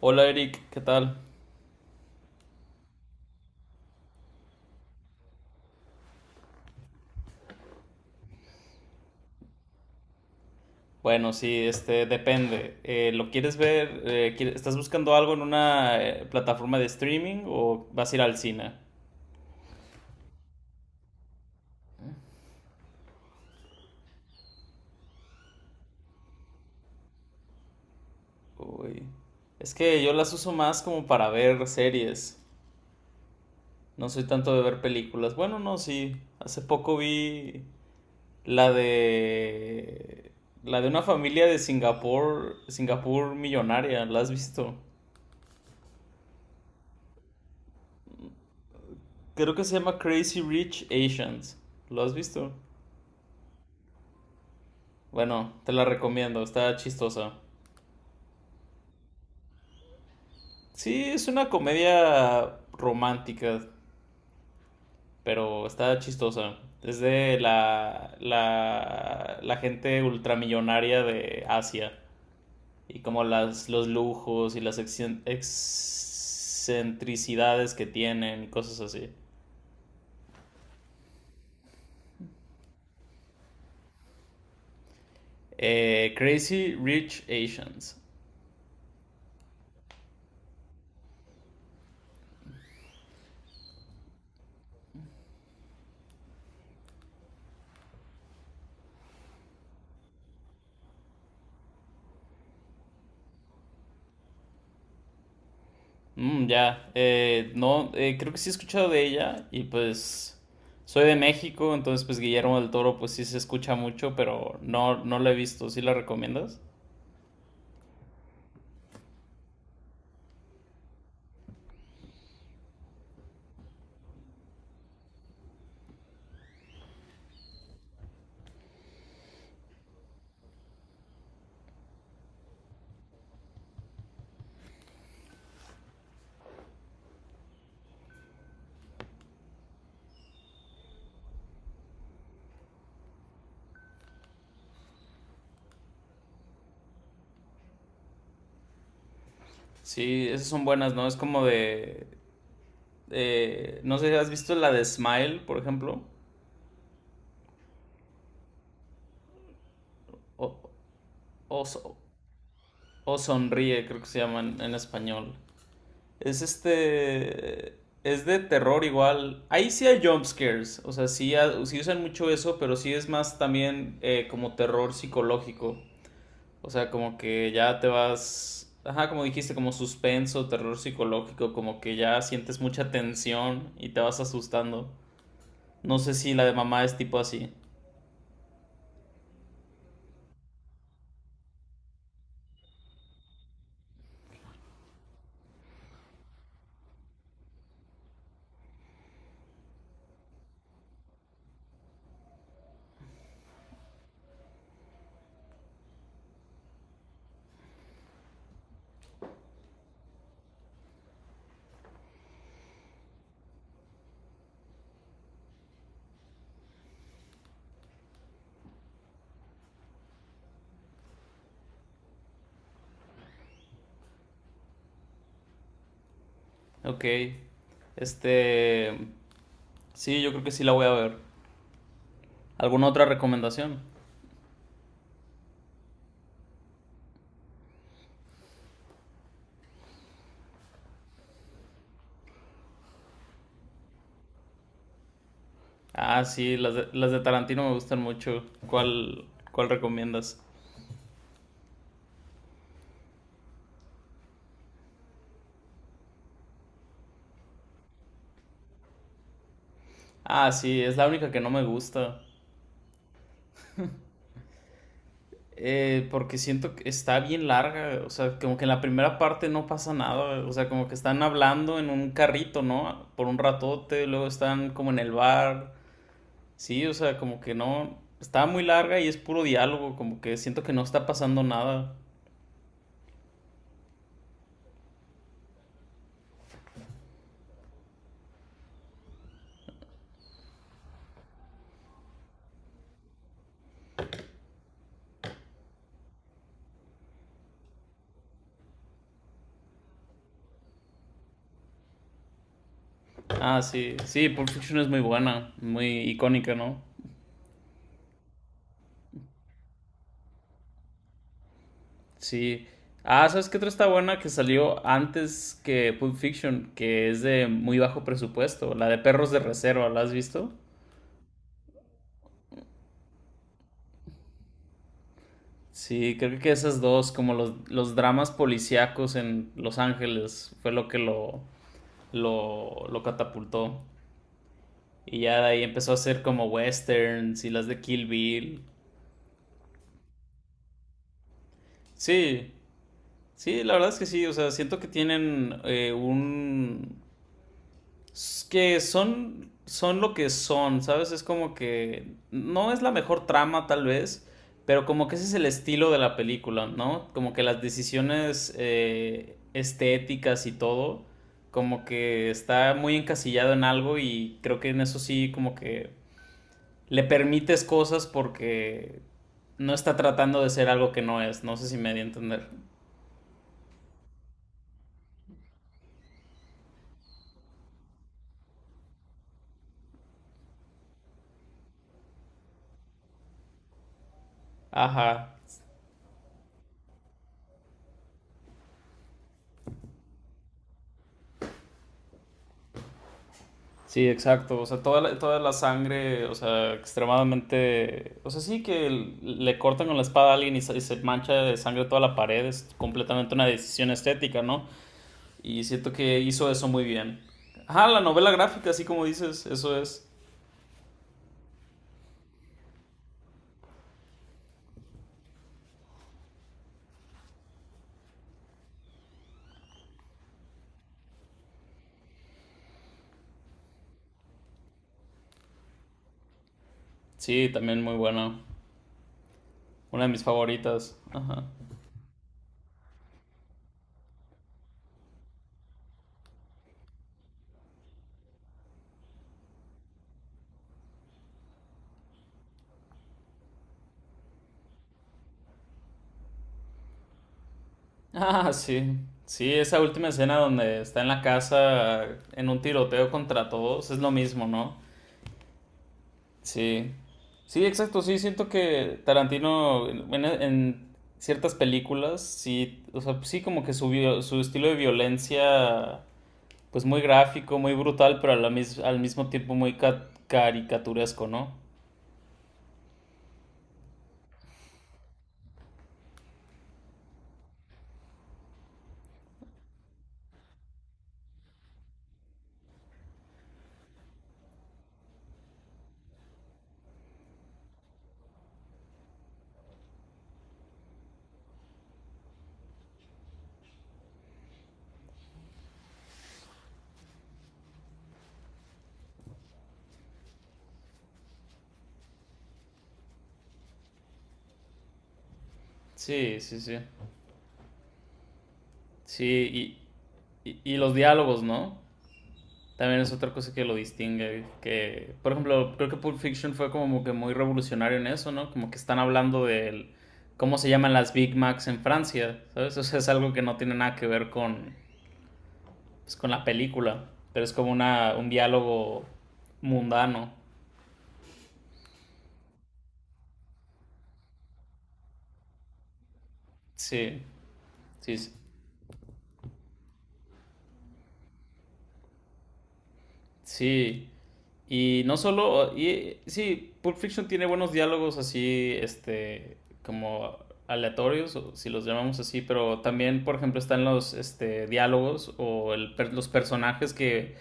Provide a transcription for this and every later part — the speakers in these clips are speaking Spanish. Hola Eric, ¿qué tal? Bueno, sí, depende. ¿Lo quieres ver? ¿Estás buscando algo en una plataforma de streaming o vas a ir al cine? Uy. Es que yo las uso más como para ver series. No soy tanto de ver películas. Bueno, no, sí. Hace poco vi la de la de una familia de Singapur, Singapur millonaria. ¿La has visto? Creo que se llama Crazy Rich Asians. ¿Lo has visto? Bueno, te la recomiendo, está chistosa. Sí, es una comedia romántica, pero está chistosa. Es de la gente ultramillonaria de Asia y como los lujos y las excentricidades que tienen y cosas así. Crazy Rich Asians. Ya, no, creo que sí he escuchado de ella y pues soy de México, entonces pues Guillermo del Toro pues sí se escucha mucho, pero no, no la he visto, ¿sí la recomiendas? Sí, esas son buenas, ¿no? Es como de, no sé, ¿has visto la de Smile, por ejemplo? O, o, so- o Sonríe, creo que se llaman en español. Es este. Es de terror igual. Ahí sí hay jumpscares. O sea, sí, sí usan mucho eso, pero sí es más también como terror psicológico. O sea, como que ya te vas. Ajá, como dijiste, como suspenso, terror psicológico. Como que ya sientes mucha tensión y te vas asustando. No sé si la de mamá es tipo así. Ok. Este. Sí, yo creo que sí la voy a ver. ¿Alguna otra recomendación? Ah, sí, las de Tarantino me gustan mucho. ¿Cuál recomiendas? Ah, sí, es la única que no me gusta. Porque siento que está bien larga, o sea, como que en la primera parte no pasa nada, o sea, como que están hablando en un carrito, ¿no? Por un ratote, luego están como en el bar, sí, o sea, como que no, está muy larga y es puro diálogo, como que siento que no está pasando nada. Ah, sí, sí, Pulp Fiction es muy buena, muy icónica, ¿no? Sí. Ah, ¿sabes qué otra está buena que salió antes que Pulp Fiction? Que es de muy bajo presupuesto. La de Perros de Reserva, ¿la has visto? Sí, creo que esas dos, como los dramas policíacos en Los Ángeles, fue lo que lo catapultó. Y ya de ahí empezó a hacer como westerns y las de Kill Bill. Sí, sí, la verdad es que sí. O sea, siento que tienen que son, son lo que son, ¿sabes? Es como que no es la mejor trama tal vez, pero como que ese es el estilo de la película, ¿no? Como que las decisiones estéticas y todo, como que está muy encasillado en algo y creo que en eso sí como que le permites cosas porque no está tratando de ser algo que no es, no sé si me di a entender. Ajá. Sí, exacto. O sea, toda la sangre, o sea, extremadamente... O sea, sí que le cortan con la espada a alguien y y se mancha de sangre toda la pared. Es completamente una decisión estética, ¿no? Y siento que hizo eso muy bien. Ajá, la novela gráfica, así como dices, eso es. Sí, también muy buena. Una de mis favoritas. Ajá. Ah, sí. Sí, esa última escena donde está en la casa en un tiroteo contra todos, es lo mismo, ¿no? Sí, sí, exacto, sí, siento que Tarantino en ciertas películas, sí, o sea, sí como que su estilo de violencia, pues muy gráfico, muy brutal, pero a la al mismo tiempo muy caricaturesco, ¿no? Sí, sí, sí. Sí, y los diálogos, ¿no? También es otra cosa que lo distingue, que, por ejemplo, creo que Pulp Fiction fue como que muy revolucionario en eso, ¿no? Como que están hablando de cómo se llaman las Big Macs en Francia, ¿sabes? O sea, es algo que no tiene nada que ver con, pues, con la película, pero es como un diálogo mundano. Sí, sí, sí. Sí. Y no solo, y, sí, Pulp Fiction tiene buenos diálogos así, como aleatorios, o si los llamamos así, pero también, por ejemplo, están diálogos o los personajes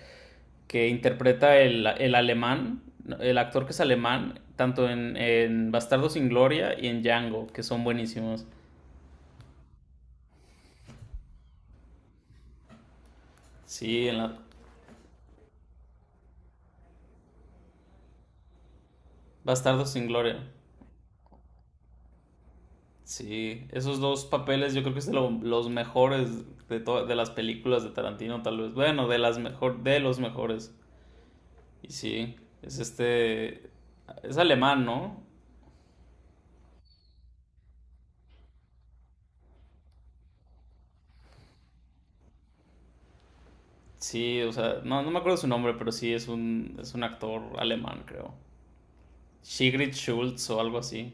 que interpreta el alemán, el actor que es alemán, tanto en Bastardo sin Gloria y en Django, que son buenísimos. Sí, en la... Bastardo sin Gloria. Sí, esos dos papeles yo creo que es de los mejores de de las películas de Tarantino, tal vez. Bueno, de las mejor de los mejores. Y sí, es es alemán, ¿no? Sí, o sea, no, no me acuerdo su nombre, pero sí es un actor alemán, creo. Sigrid Schultz o algo así.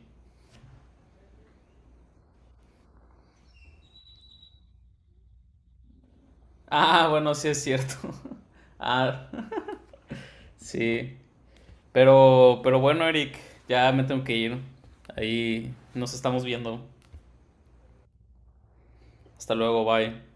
Ah, bueno, sí es cierto. Ah, sí. Pero bueno, Eric, ya me tengo que ir. Ahí nos estamos viendo. Hasta luego, bye.